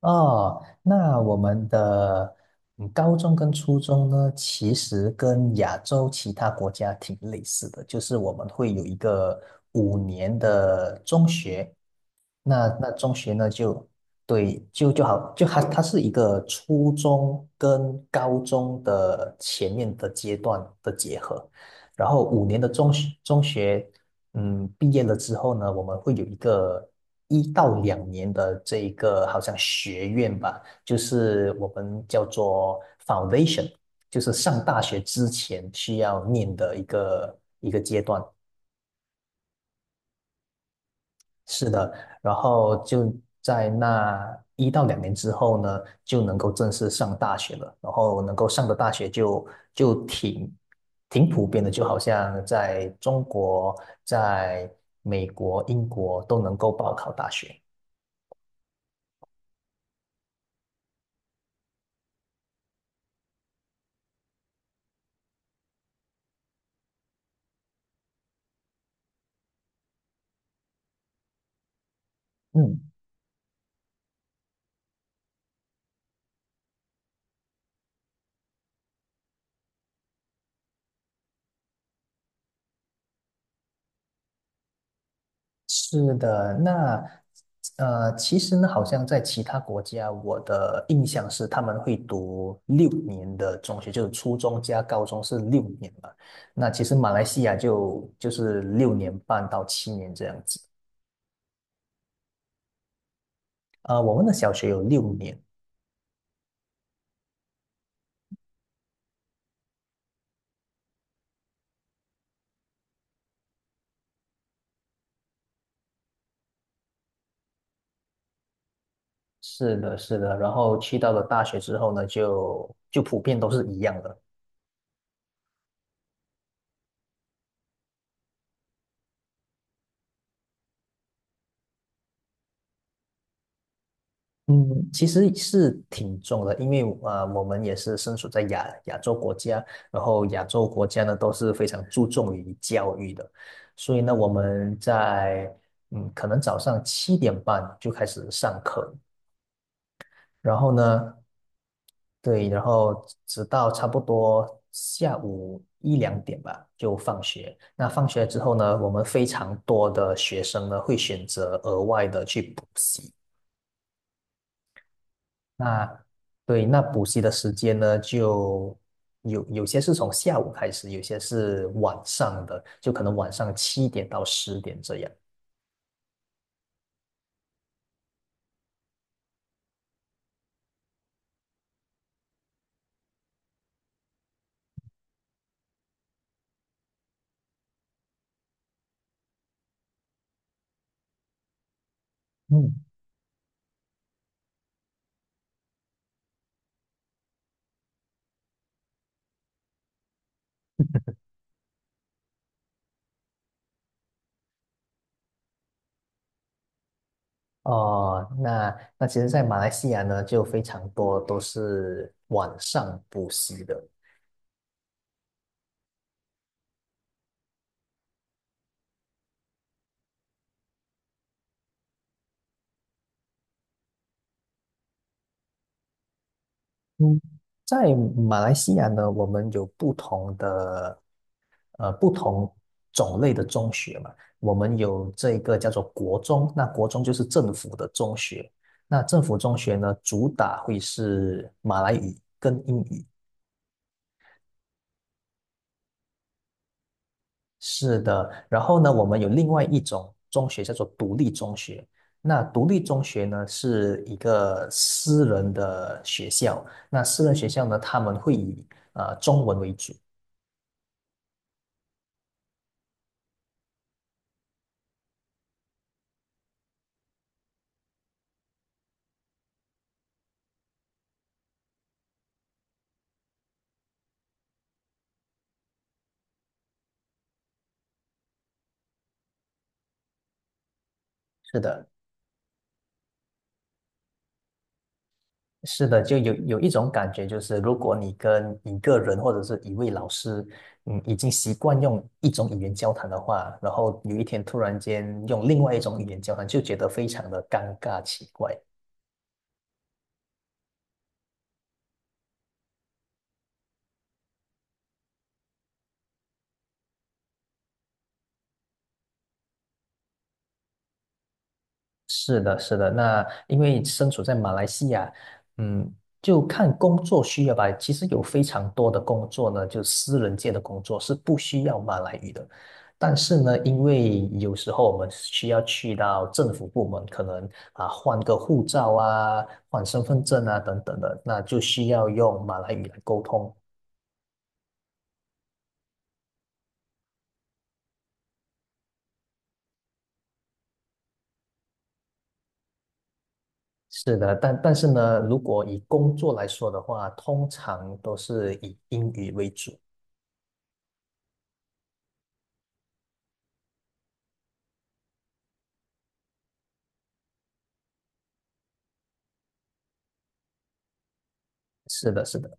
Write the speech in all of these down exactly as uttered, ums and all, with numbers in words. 哦，那我们的嗯高中跟初中呢，其实跟亚洲其他国家挺类似的，就是我们会有一个五年的中学，那那中学呢就对就就好就它它是一个初中跟高中的前面的阶段的结合，然后五年的中学中学嗯，毕业了之后呢，我们会有一个一到两年的这一个好像学院吧，就是我们叫做 foundation，就是上大学之前需要念的一个阶段。是的，然后就在那一到两年之后呢，就能够正式上大学了。然后能够上的大学就就挺挺普遍的，就好像在中国、在美国、英国都能够报考大学。嗯，是的，那呃，其实呢，好像在其他国家，我的印象是他们会读六年的中学，就是初中加高中是六年嘛。那其实马来西亚就就是六年半到七年这样子。呃，我们的小学有六年，是的，是的。然后去到了大学之后呢，就就普遍都是一样的。嗯，其实是挺重的，因为呃，我们也是身处在亚亚洲国家，然后亚洲国家呢都是非常注重于教育的，所以呢，我们在嗯，可能早上七点半就开始上课，然后呢，对，然后直到差不多下午一两点吧，就放学。那放学之后呢，我们非常多的学生呢会选择额外的去补习。那对，那补习的时间呢，就有有些是从下午开始，有些是晚上的，就可能晚上七点到十点这样。嗯，哦，那那其实，在马来西亚呢，就非常多都是晚上补习的。嗯，在马来西亚呢，我们有不同的呃不同种类的中学嘛。我们有这个叫做国中，那国中就是政府的中学。那政府中学呢，主打会是马来语跟英语。是的，然后呢，我们有另外一种中学叫做独立中学。那独立中学呢，是一个私人的学校。那私人学校呢，他们会以呃中文为主。是的。是的，就有有一种感觉，就是如果你跟一个人或者是一位老师，嗯，已经习惯用一种语言交谈的话，然后有一天突然间用另外一种语言交谈，就觉得非常的尴尬奇怪。是的，是的。那因为身处在马来西亚，嗯，就看工作需要吧。其实有非常多的工作呢，就私人界的工作是不需要马来语的。但是呢，因为有时候我们需要去到政府部门，可能啊换个护照啊、换身份证啊等等的，那就需要用马来语来沟通。是的，但但是呢，如果以工作来说的话，通常都是以英语为主。是的，是的。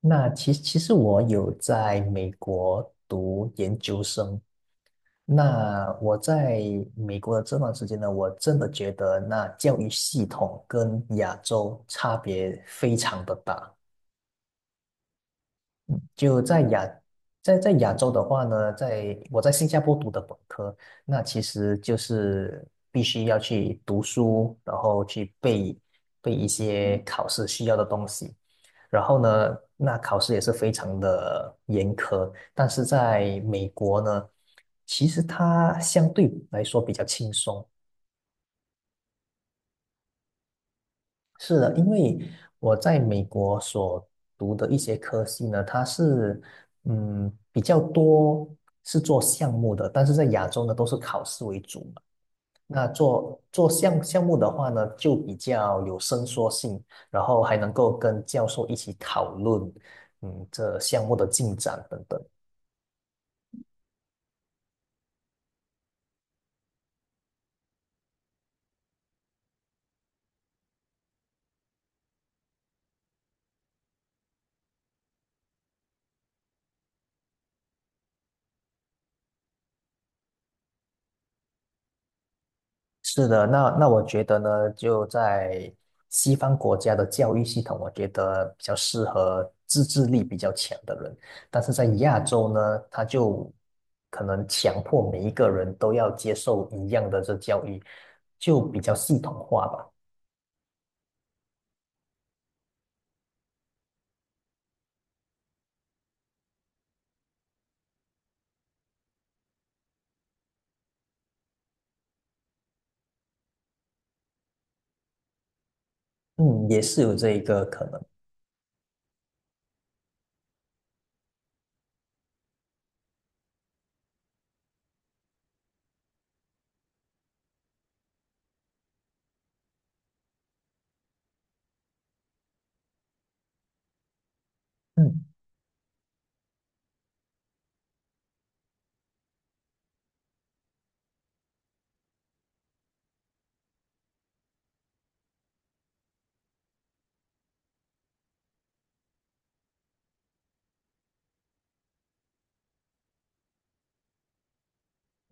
那其其实我有在美国读研究生。那我在美国的这段时间呢，我真的觉得那教育系统跟亚洲差别非常的大。就在亚，在在亚洲的话呢，在我在新加坡读的本科，那其实就是必须要去读书，然后去背背一些考试需要的东西，然后呢，那考试也是非常的严苛，但是在美国呢，其实它相对来说比较轻松。是的，因为我在美国所读的一些科系呢，它是嗯比较多是做项目的，但是在亚洲呢都是考试为主嘛。那做做项项目的话呢，就比较有伸缩性，然后还能够跟教授一起讨论，嗯，这项目的进展等等。是的，那那我觉得呢，就在西方国家的教育系统，我觉得比较适合自制力比较强的人，但是在亚洲呢，他就可能强迫每一个人都要接受一样的这教育，就比较系统化吧。嗯，也是有这一个可能。嗯，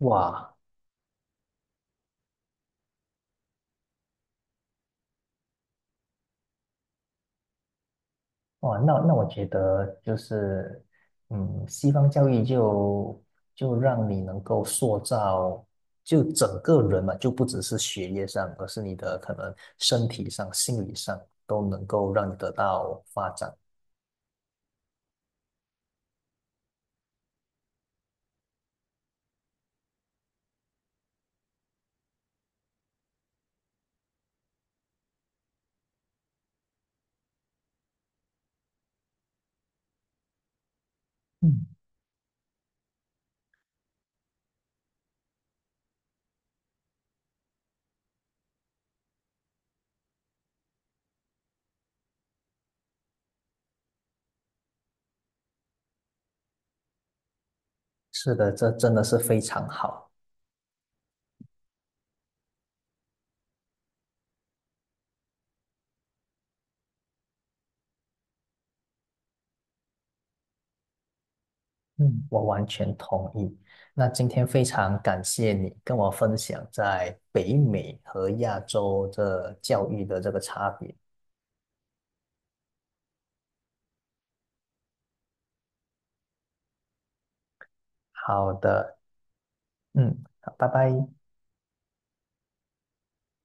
哇。哇，那那我觉得就是，嗯，西方教育就就让你能够塑造就整个人嘛，就不只是学业上，而是你的可能身体上、心理上都能够让你得到发展。嗯，是的，这真的是非常好。嗯，我完全同意。那今天非常感谢你跟我分享在北美和亚洲这教育的这个差别。好的，嗯，好，拜拜。